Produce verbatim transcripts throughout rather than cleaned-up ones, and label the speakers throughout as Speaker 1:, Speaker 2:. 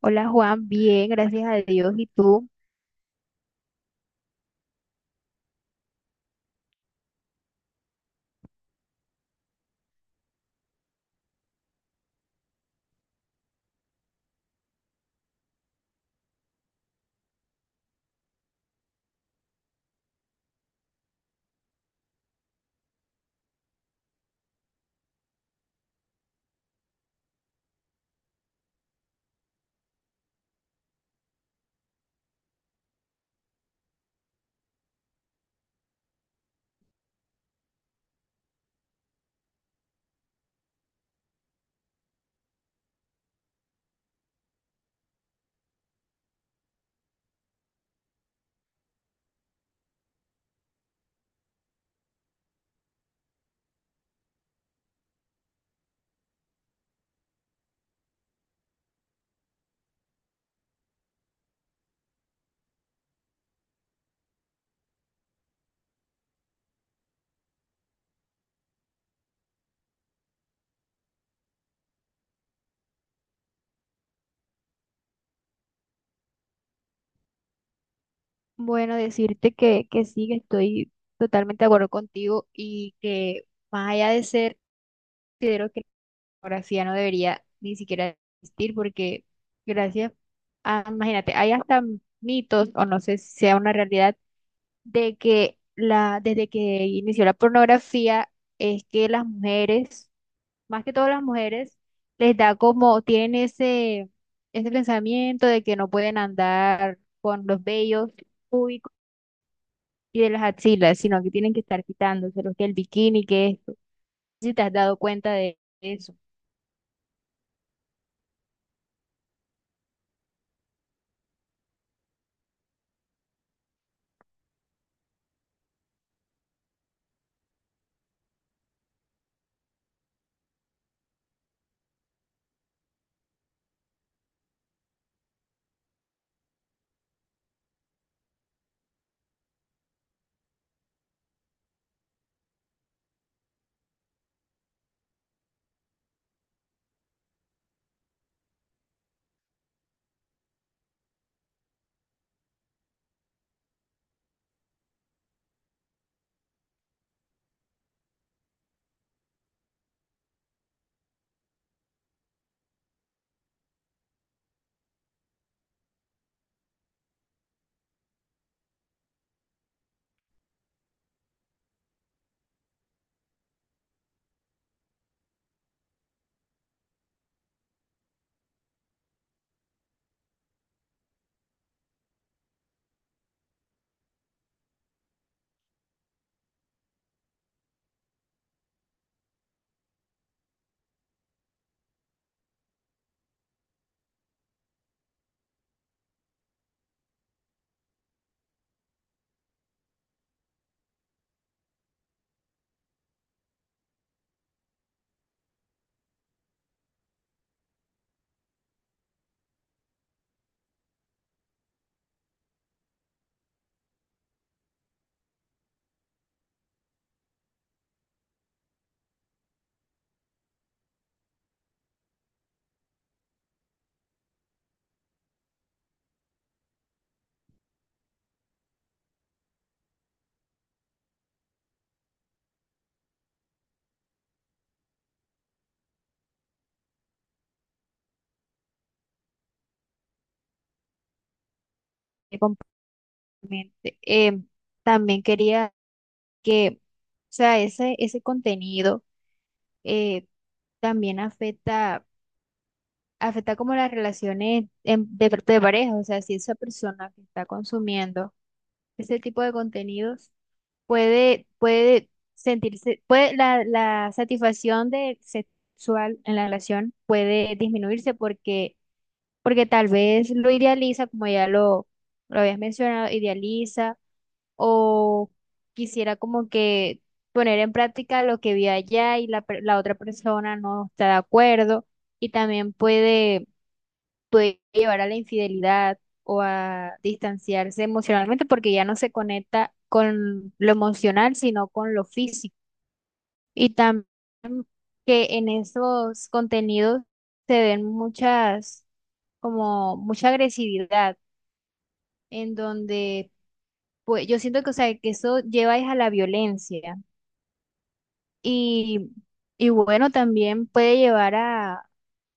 Speaker 1: Hola Juan, bien, gracias a Dios. ¿Y tú? Bueno, decirte que, que sí, que estoy totalmente de acuerdo contigo y que más allá de ser, considero que la pornografía no debería ni siquiera existir porque gracias a, imagínate, hay hasta mitos, o no sé si sea una realidad, de que la, desde que inició la pornografía es que las mujeres más que todas las mujeres, les da como, tienen ese, ese pensamiento de que no pueden andar con los vellos públicos y de las axilas, sino que tienen que estar quitándoselos, que el bikini, que esto. Si te has dado cuenta de eso, de completamente. Eh, también quería que, o sea, ese, ese contenido eh, también afecta, afecta como las relaciones en- de, de pareja. O sea, si esa persona que está consumiendo ese tipo de contenidos puede, puede sentirse, puede, la, la satisfacción de sexual en la relación puede disminuirse, porque, porque tal vez lo idealiza, como ya lo, lo habías mencionado, idealiza o quisiera como que poner en práctica lo que vio allá y la, per- la otra persona no está de acuerdo, y también puede puede llevar a la infidelidad o a distanciarse emocionalmente porque ya no se conecta con lo emocional, sino con lo físico. Y también que en esos contenidos se ven muchas, como mucha agresividad, en donde pues yo siento que, o sea, que eso lleva es a la violencia. Y, y bueno, también puede llevar a,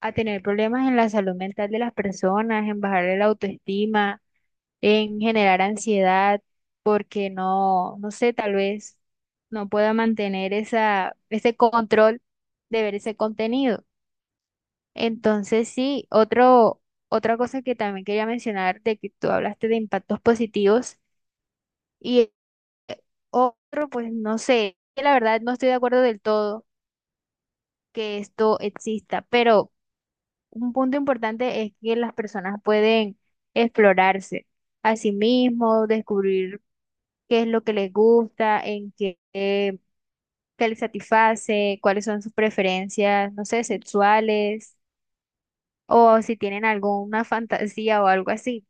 Speaker 1: a tener problemas en la salud mental de las personas, en bajar la autoestima, en generar ansiedad porque no, no sé, tal vez no pueda mantener esa, ese control de ver ese contenido. Entonces, sí, otro, otra cosa que también quería mencionar de que tú hablaste de impactos positivos y eh, otro, pues no sé, que la verdad no estoy de acuerdo del todo que esto exista, pero un punto importante es que las personas pueden explorarse a sí mismos, descubrir qué es lo que les gusta, en qué, eh, qué les satisface, cuáles son sus preferencias, no sé, sexuales, o si tienen alguna fantasía o algo así.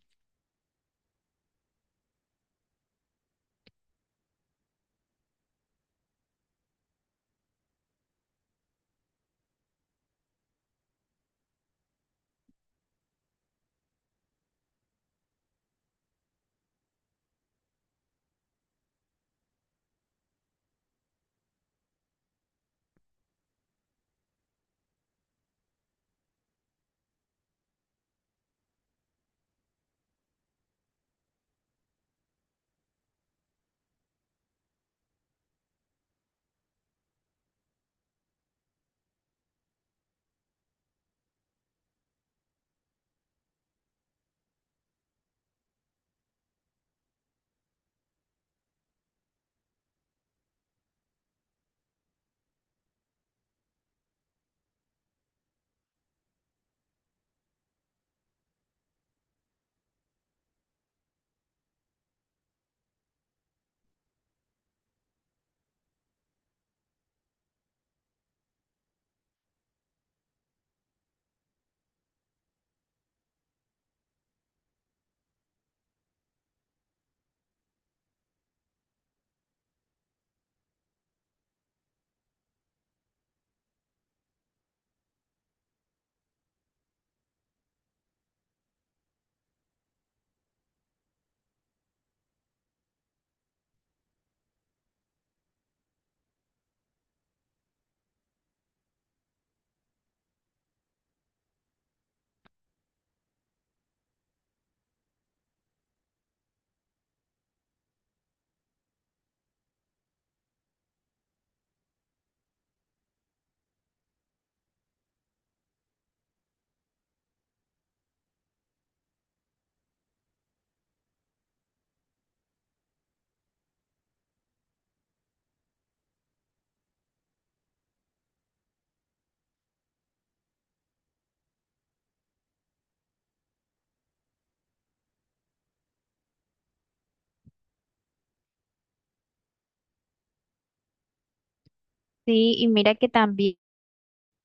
Speaker 1: Sí, y mira que también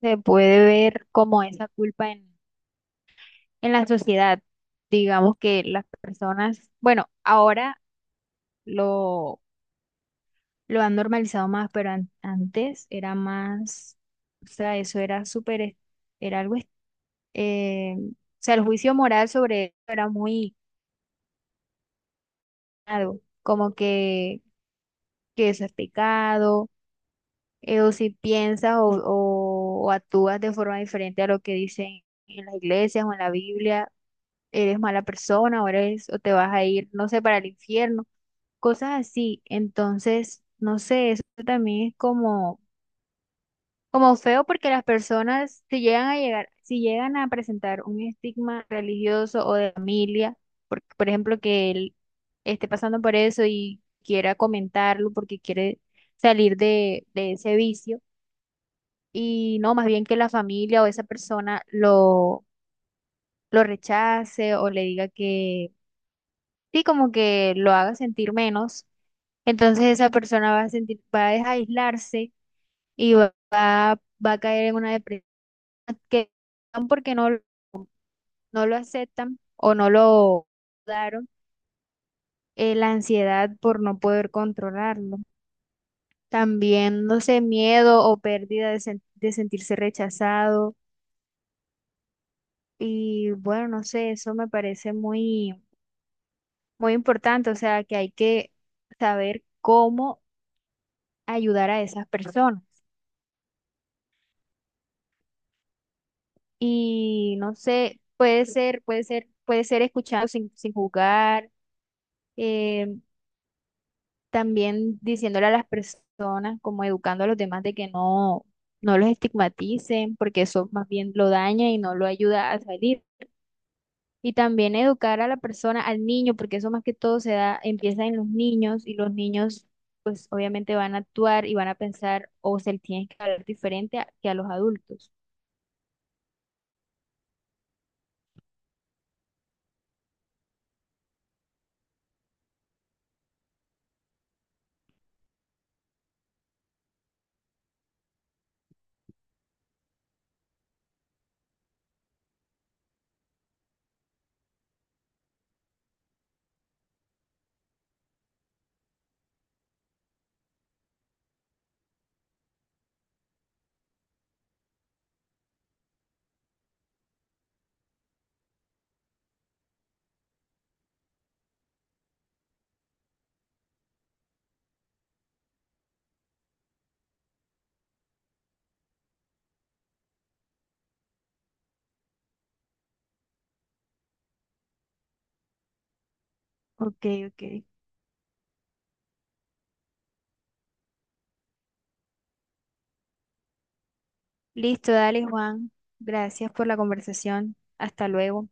Speaker 1: se puede ver como esa culpa en, en la sociedad. Digamos que las personas, bueno, ahora lo, lo han normalizado más, pero an- antes era más, o sea, eso era súper, es- era algo, es- eh, o sea, el juicio moral sobre eso era muy algo, como que, que eso es pecado, eh, o si piensas o, o- o actúas de forma diferente a lo que dicen en las iglesias o en la Biblia, eres mala persona o eres, o te vas a ir, no sé, para el infierno, cosas así. Entonces, no sé, eso también es como como feo, porque las personas, si llegan a llegar, si llegan a presentar un estigma religioso o de familia, por, por ejemplo, que él esté pasando por eso y quiera comentarlo porque quiere salir de, de ese vicio, y no, más bien que la familia o esa persona lo, lo rechace o le diga que sí, como que lo haga sentir menos, entonces esa persona va a sentir, va a aislarse y va, va va a caer en una depresión que no, porque no, no lo aceptan o no lo daron, eh, la ansiedad por no poder controlarlo. También, no sé, miedo o pérdida de, sen- de sentirse rechazado. Y bueno, no sé, eso me parece muy, muy importante. O sea, que hay que saber cómo ayudar a esas personas. Y no sé, puede ser, puede ser, puede ser escuchado sin, sin juzgar. eh, También diciéndole a las personas, como educando a los demás, de que no, no los estigmaticen, porque eso más bien lo daña y no lo ayuda a salir. Y también educar a la persona, al niño, porque eso más que todo se da, empieza en los niños, y los niños pues obviamente van a actuar y van a pensar, o se les tiene que hablar diferente a- que a los adultos. Ok, ok. Listo, dale, Juan. Gracias por la conversación. Hasta luego.